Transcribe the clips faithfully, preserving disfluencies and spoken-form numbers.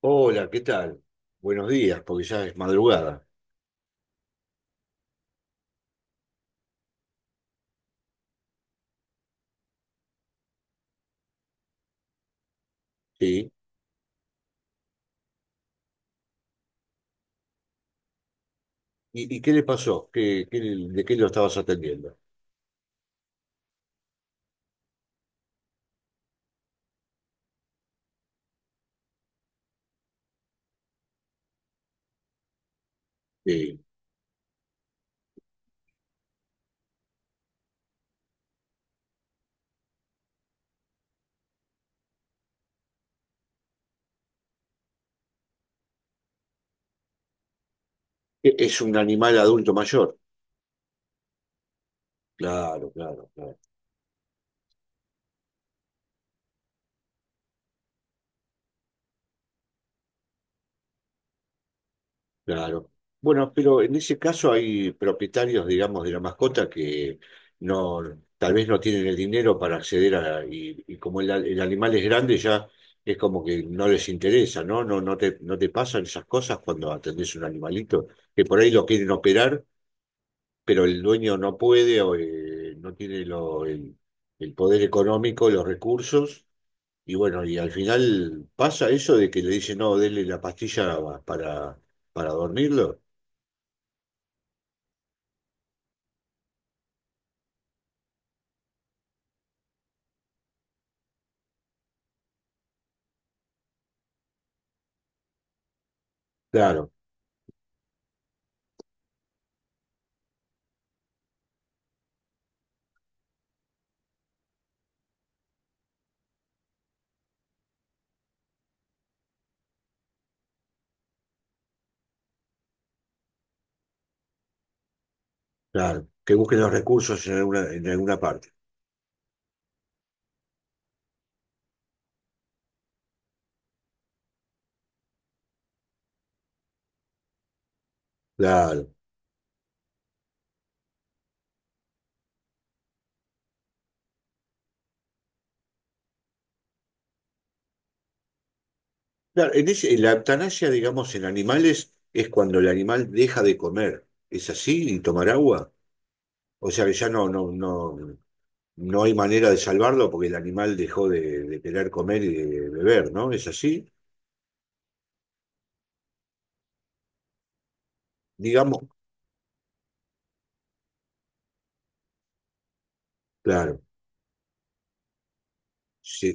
Hola, ¿qué tal? Buenos días, porque ya es madrugada. Sí. ¿Y, y qué le pasó? ¿Qué, qué- de qué lo estabas atendiendo? Sí. E- Es un animal adulto mayor. Claro, claro, claro, claro. Bueno, pero en ese caso hay propietarios, digamos, de la mascota que no, tal vez no tienen el dinero para acceder a, y, y como el, a- el animal es grande, ya es como que no les interesa, ¿no? No, no te, no te pasan esas cosas cuando atendés un animalito, que por ahí lo quieren operar pero el dueño no puede o eh, no tiene lo- el, el poder económico, los recursos, y bueno, y al final pasa eso de que le dicen, no, denle la pastilla para, para dormirlo. Claro, claro, que busquen los recursos en alguna, en alguna parte. Claro, claro, en ese- en la eutanasia, digamos, en animales es cuando el animal deja de comer. ¿Es así? ¿Y tomar agua? O sea que ya no, no, no. No hay manera de salvarlo porque el animal dejó de, de querer comer y de beber, ¿no? ¿Es así? Digamos, claro, sí,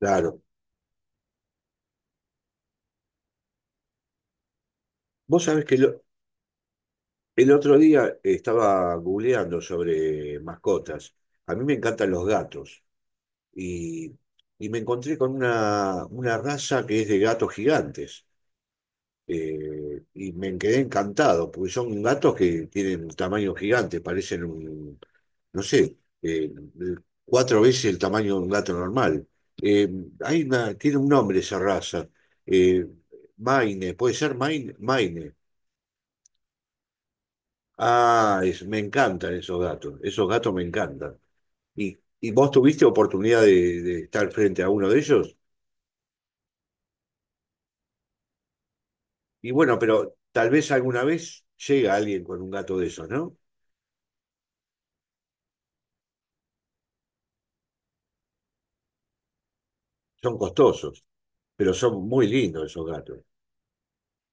claro. Vos sabés que lo- el otro día estaba googleando sobre mascotas. A mí me encantan los gatos y, y me encontré con una, una raza que es de gatos gigantes. Eh, y me quedé encantado, porque son gatos que tienen tamaño gigante, parecen un, no sé, eh, cuatro veces el tamaño de un gato normal. Eh, hay una, tiene un nombre esa raza. eh, Maine, ¿puede ser Maine? Maine. Ah, es- me encantan esos gatos, esos gatos me encantan. ¿Y, y vos tuviste oportunidad de, de estar frente a uno de ellos? Y bueno, pero tal vez alguna vez llega alguien con un gato de esos, ¿no? Son costosos, pero son muy lindos esos gatos.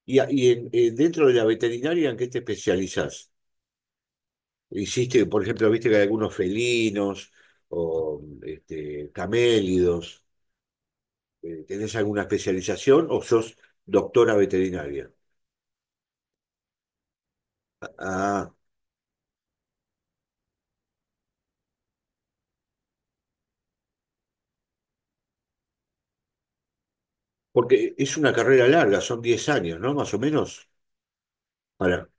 Y, a- y en- eh, dentro de la veterinaria, ¿en qué te especializás? Hiciste, por ejemplo, viste que hay algunos felinos o este, camélidos. Eh, ¿Tenés alguna especialización o sos doctora veterinaria? Ah, porque es una carrera larga, son diez años, ¿no? Más o menos. Para,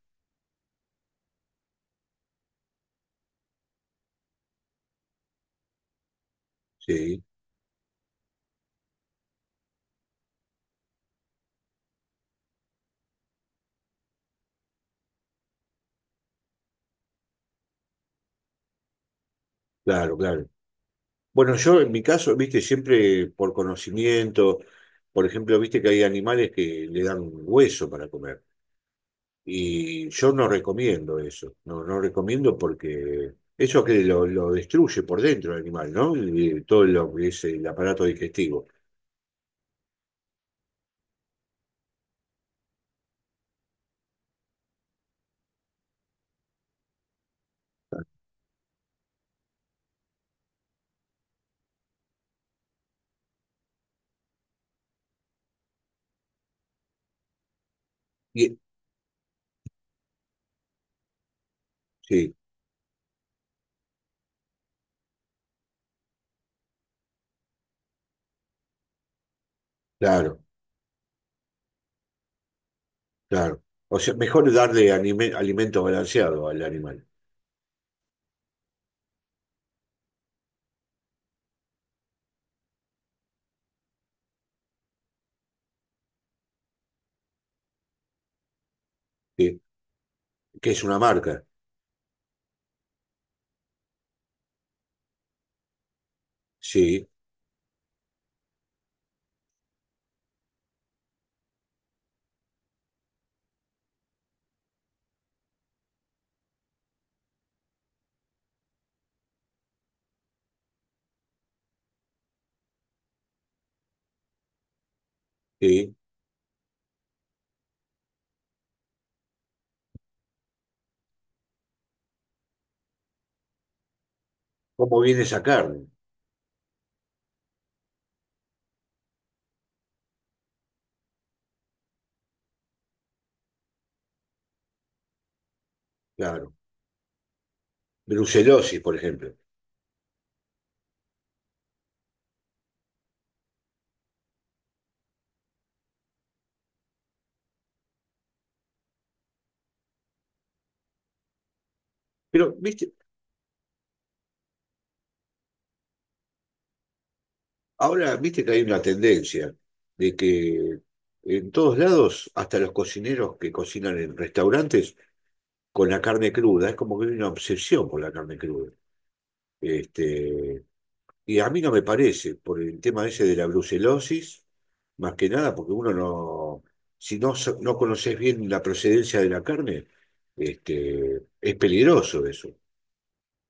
sí, claro, claro. Bueno, yo en mi caso, viste, siempre por conocimiento, por ejemplo, viste que hay animales que le dan hueso para comer. Y yo no recomiendo eso, no, no recomiendo porque eso que lo, lo destruye por dentro el animal, ¿no? Y todo lo que es el aparato digestivo. Y- sí, claro, claro. O sea, mejor darle anime- alimento balanceado al animal, ¿sí? Que es una marca, sí, sí. ¿Cómo viene esa carne? Claro. Brucelosis, por ejemplo. Pero, viste, ahora viste que hay una tendencia de que en todos lados, hasta los cocineros que cocinan en restaurantes, con la carne cruda, es como que hay una obsesión por la carne cruda. Este, y a mí no me parece, por el tema ese de la brucelosis, más que nada, porque uno no, si no, so- no conoces bien la procedencia de la carne, este, es peligroso eso.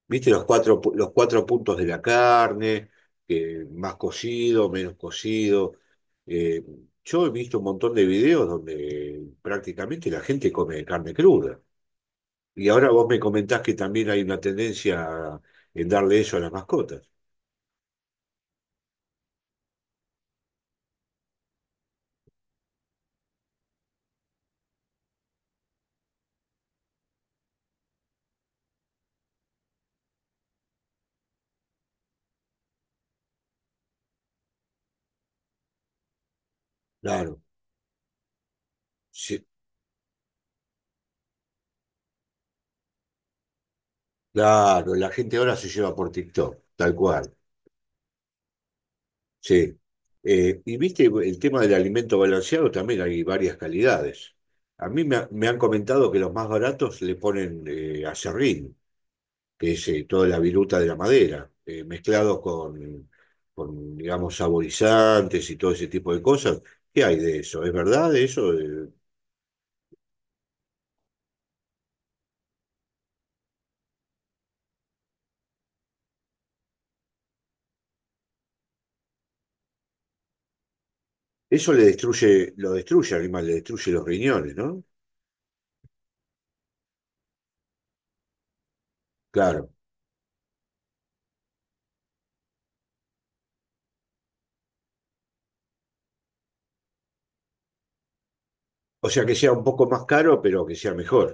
¿Viste los cuatro, pu- los cuatro puntos de la carne, que más cocido, menos cocido? Eh, yo he visto un montón de videos donde prácticamente la gente come carne cruda. Y ahora vos me comentás que también hay una tendencia a- en darle eso a las mascotas. Claro, sí, claro, la gente ahora se lleva por TikTok, tal cual, sí. Eh, y viste, el tema del alimento balanceado también hay varias calidades. A mí me, ha- me han comentado que los más baratos le ponen eh, aserrín, que es eh, toda la viruta de la madera, eh, mezclado con, con, digamos, saborizantes y todo ese tipo de cosas. ¿Qué hay de eso? ¿Es verdad eso? Eh, Eso le destruye, lo destruye al animal, le destruye los riñones, ¿no? Claro. O sea, que sea un poco más caro, pero que sea mejor.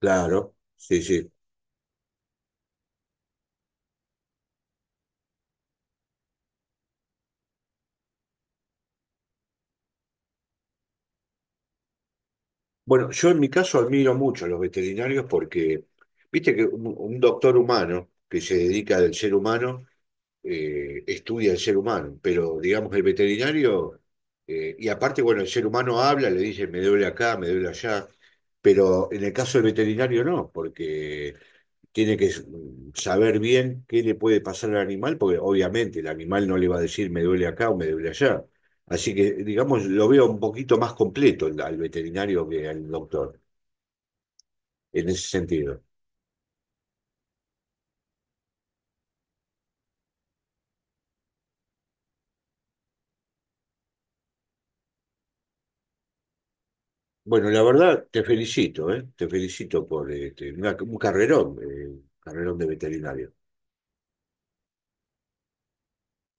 Claro, sí, sí. Bueno, yo en mi caso admiro mucho a los veterinarios porque, viste que un, un doctor humano que se dedica del ser humano, eh, estudia el ser humano, pero digamos el veterinario, eh, y aparte, bueno, el ser humano habla, le dice, me duele acá, me duele allá, pero en el caso del veterinario no, porque tiene que saber bien qué le puede pasar al animal, porque obviamente el animal no le va a decir me duele acá o me duele allá. Así que, digamos, lo veo un poquito más completo al, al veterinario que al doctor, en ese sentido. Bueno, la verdad, te felicito, ¿eh? Te felicito por este, una- un carrerón, eh, carrerón de veterinario.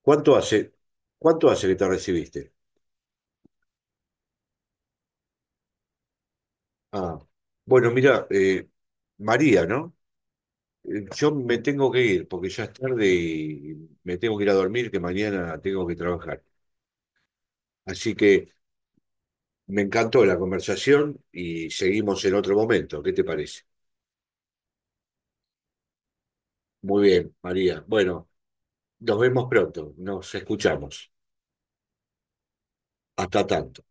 ¿Cuánto hace, cuánto hace que te recibiste? Ah, bueno, mira, eh, María, ¿no? Eh, Yo me tengo que ir porque ya es tarde y me tengo que ir a dormir, que mañana tengo que trabajar. Así que me encantó la conversación y seguimos en otro momento. ¿Qué te parece? Muy bien, María. Bueno, nos vemos pronto, nos escuchamos. Hasta tanto.